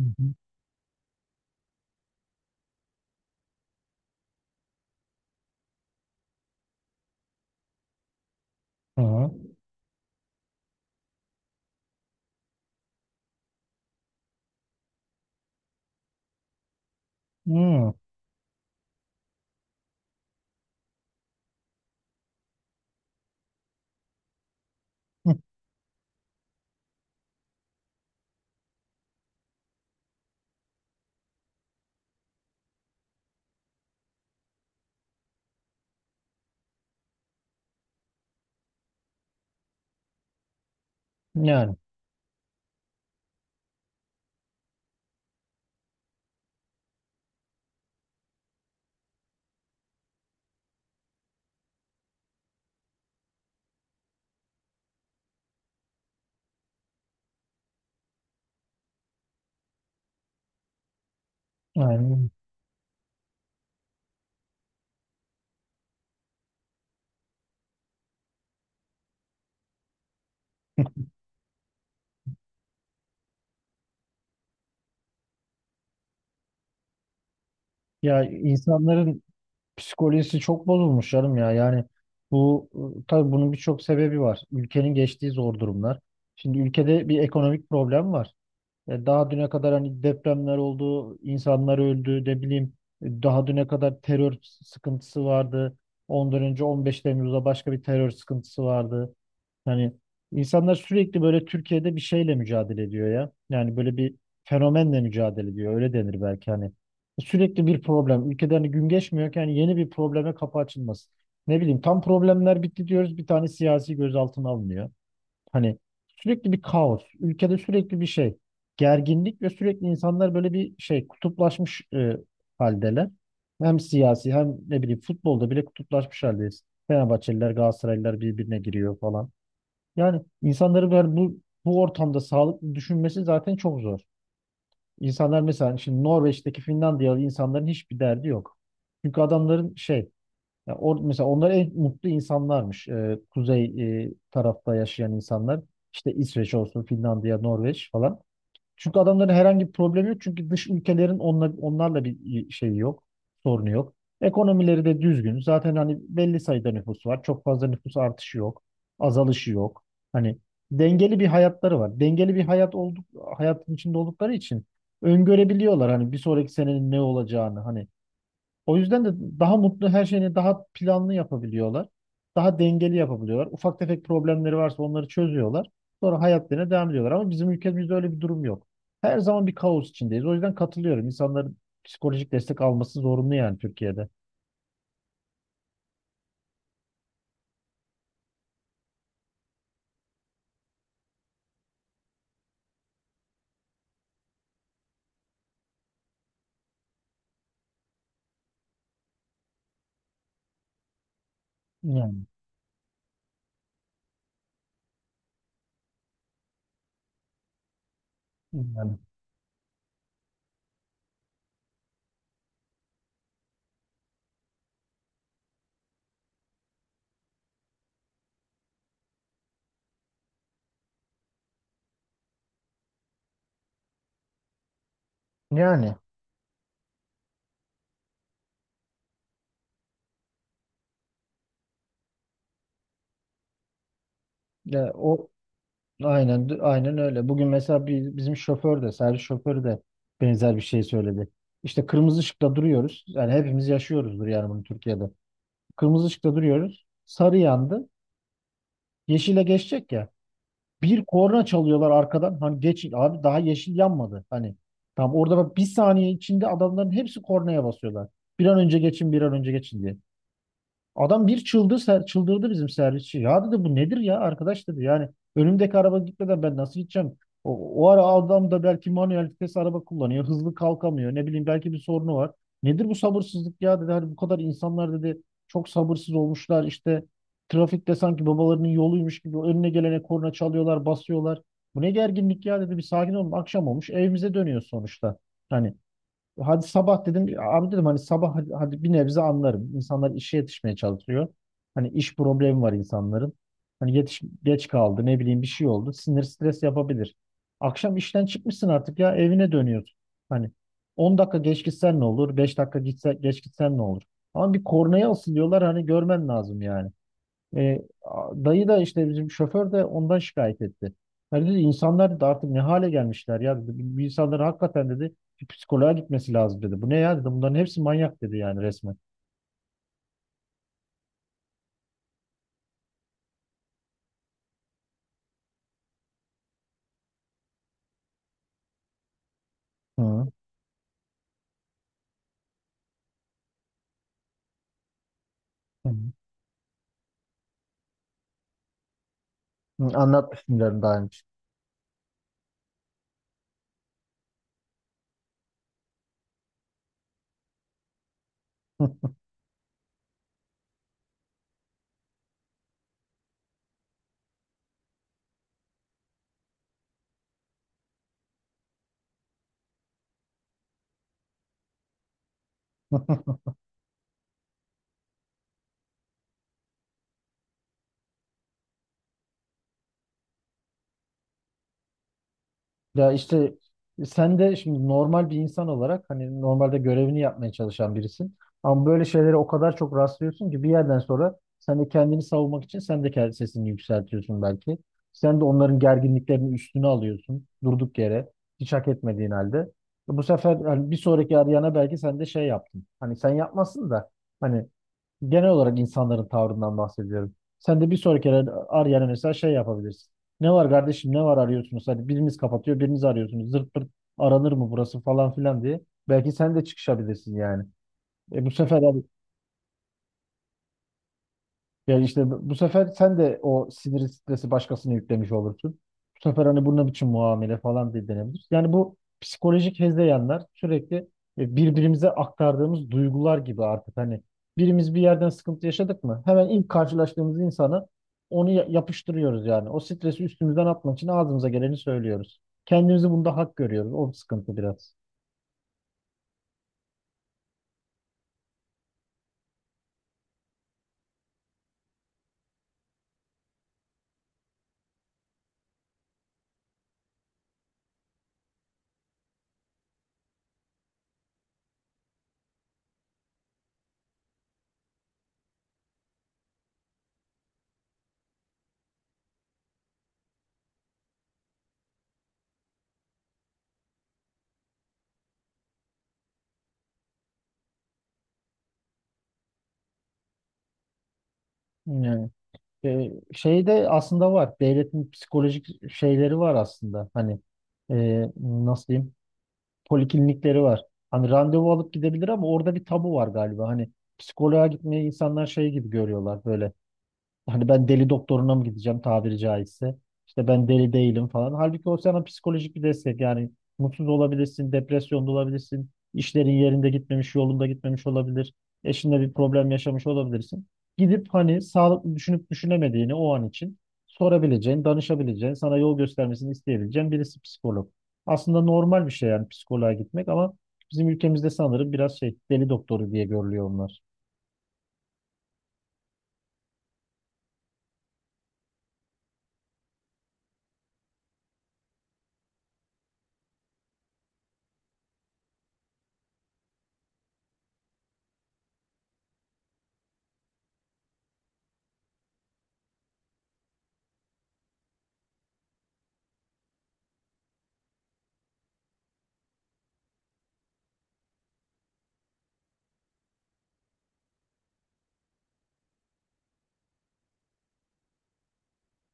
Hı hı. Aha. Hmm. Hı. Yani, yani, ya insanların psikolojisi çok bozulmuş canım ya. Yani bu tabii bunun birçok sebebi var. Ülkenin geçtiği zor durumlar. Şimdi ülkede bir ekonomik problem var. E, daha düne kadar hani depremler oldu, insanlar öldü, ne bileyim daha düne kadar terör sıkıntısı vardı. Ondan önce 15 Temmuz'da başka bir terör sıkıntısı vardı. Yani insanlar sürekli böyle Türkiye'de bir şeyle mücadele ediyor ya. Yani böyle bir fenomenle mücadele ediyor. Öyle denir belki hani. Sürekli bir problem. Ülkeden hani gün geçmiyor ki hani yeni bir probleme kapı açılmasın. Ne bileyim tam problemler bitti diyoruz. Bir tane siyasi gözaltına alınıyor. Hani sürekli bir kaos. Ülkede sürekli bir şey. Gerginlik ve sürekli insanlar böyle bir şey kutuplaşmış haldeler. Hem siyasi hem ne bileyim futbolda bile kutuplaşmış haldeyiz. Fenerbahçeliler, Galatasaraylılar birbirine giriyor falan. Yani insanların böyle bu ortamda sağlıklı düşünmesi zaten çok zor. İnsanlar mesela şimdi Norveç'teki Finlandiyalı insanların hiçbir derdi yok. Çünkü adamların şey mesela onlar en mutlu insanlarmış. Kuzey tarafta yaşayan insanlar. İşte İsveç olsun, Finlandiya, Norveç falan. Çünkü adamların herhangi bir problemi yok. Çünkü dış ülkelerin onlarla bir şeyi yok. Sorunu yok. Ekonomileri de düzgün. Zaten hani belli sayıda nüfus var. Çok fazla nüfus artışı yok. Azalışı yok. Hani dengeli bir hayatları var. Dengeli bir hayatın içinde oldukları için öngörebiliyorlar hani bir sonraki senenin ne olacağını. Hani o yüzden de daha mutlu her şeyini daha planlı yapabiliyorlar. Daha dengeli yapabiliyorlar. Ufak tefek problemleri varsa onları çözüyorlar. Sonra hayatlarına devam ediyorlar. Ama bizim ülkemizde öyle bir durum yok. Her zaman bir kaos içindeyiz. O yüzden katılıyorum. İnsanların psikolojik destek alması zorunlu yani Türkiye'de. Yani, yani. Yani. Ya o aynen aynen öyle. Bugün mesela bizim şoför de servis şoförü de benzer bir şey söyledi. İşte kırmızı ışıkta duruyoruz. Yani hepimiz yaşıyoruzdur yani bunu Türkiye'de. Kırmızı ışıkta duruyoruz. Sarı yandı. Yeşile geçecek ya. Bir korna çalıyorlar arkadan. Hani geçin abi daha yeşil yanmadı. Hani tam orada bak bir saniye içinde adamların hepsi kornaya basıyorlar. Bir an önce geçin, bir an önce geçin diye. Adam bir çıldırdı bizim servisçi. Ya dedi bu nedir ya arkadaş dedi. Yani önümdeki araba gitmeden ben nasıl gideceğim? O ara adam da belki manuel vites araba kullanıyor. Hızlı kalkamıyor. Ne bileyim belki bir sorunu var. Nedir bu sabırsızlık ya dedi. Hani bu kadar insanlar dedi çok sabırsız olmuşlar. İşte trafikte sanki babalarının yoluymuş gibi önüne gelene korna çalıyorlar, basıyorlar. Bu ne gerginlik ya dedi. Bir sakin olun. Akşam olmuş. Evimize dönüyoruz sonuçta. Hani hadi sabah dedim abi dedim hani sabah hadi, hadi bir nebze anlarım. İnsanlar işe yetişmeye çalışıyor. Hani iş problemi var insanların. Hani yetiş, geç kaldı ne bileyim bir şey oldu. Sinir stres yapabilir. Akşam işten çıkmışsın artık ya evine dönüyorsun. Hani 10 dakika geç gitsen ne olur? 5 dakika geç gitsen ne olur? Ama bir kornaya asılıyorlar hani görmen lazım yani. Dayı da işte bizim şoför de ondan şikayet etti. Ya dedi insanlar da artık ne hale gelmişler ya dedi. Bu insanların hakikaten dedi bir psikoloğa gitmesi lazım dedi. Bu ne ya dedi. Bunların hepsi manyak dedi yani resmen. Hı, hı. Hı, anlatmıştım diyorum daha önce. Ya işte sen de şimdi normal bir insan olarak hani normalde görevini yapmaya çalışan birisin. Ama böyle şeylere o kadar çok rastlıyorsun ki bir yerden sonra sen de kendini savunmak için sen de kendi sesini yükseltiyorsun belki. Sen de onların gerginliklerini üstüne alıyorsun durduk yere hiç hak etmediğin halde. Bu sefer hani bir sonraki arayana belki sen de şey yaptın. Hani sen yapmasın da hani, genel olarak insanların tavrından bahsediyorum. Sen de bir sonraki kere yani mesela şey yapabilirsin. Ne var kardeşim ne var arıyorsunuz? Hadi biriniz kapatıyor biriniz arıyorsunuz. Zırt pırt aranır mı burası falan filan diye. Belki sen de çıkışabilirsin yani. E, bu sefer abi. Yani işte bu sefer sen de o sinir stresi başkasına yüklemiş olursun. Bu sefer hani bu ne biçim muamele falan diye denebilir. Yani bu psikolojik hezeyanlar sürekli birbirimize aktardığımız duygular gibi artık hani birimiz bir yerden sıkıntı yaşadık mı hemen ilk karşılaştığımız insana onu yapıştırıyoruz yani. O stresi üstümüzden atmak için ağzımıza geleni söylüyoruz. Kendimizi bunda hak görüyoruz. O sıkıntı biraz. Yani şeyde aslında var. Devletin psikolojik şeyleri var aslında. Hani nasıl diyeyim? Poliklinikleri var. Hani randevu alıp gidebilir ama orada bir tabu var galiba. Hani psikoloğa gitmeyi insanlar şey gibi görüyorlar böyle. Hani ben deli doktoruna mı gideceğim tabiri caizse? İşte ben deli değilim falan. Halbuki o sana psikolojik bir destek. Yani mutsuz olabilirsin, depresyonda olabilirsin, işlerin yerinde gitmemiş, yolunda gitmemiş olabilir, eşinle bir problem yaşamış olabilirsin. Gidip hani sağlıklı düşünüp düşünemediğini o an için sorabileceğin, danışabileceğin, sana yol göstermesini isteyebileceğin birisi psikolog. Aslında normal bir şey yani psikoloğa gitmek ama bizim ülkemizde sanırım biraz şey deli doktoru diye görülüyor onlar.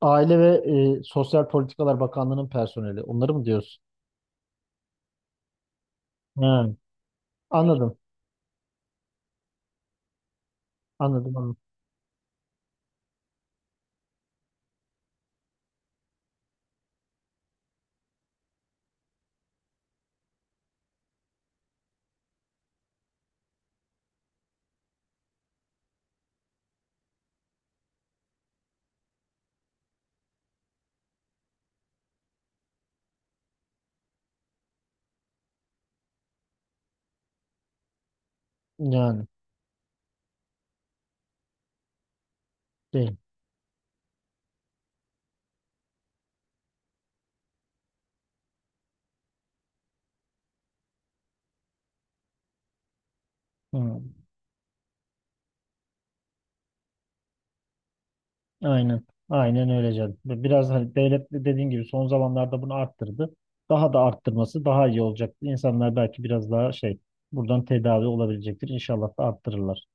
Aile ve Sosyal Politikalar Bakanlığı'nın personeli. Onları mı diyorsun? Yani. Anladım. Anladım. Anladım. Yani değil. Hı. Aynen. Aynen öyle canım. Biraz hani devlet de dediğin gibi son zamanlarda bunu arttırdı. Daha da arttırması daha iyi olacaktı. İnsanlar belki biraz daha şey buradan tedavi olabilecektir. İnşallah da arttırırlar.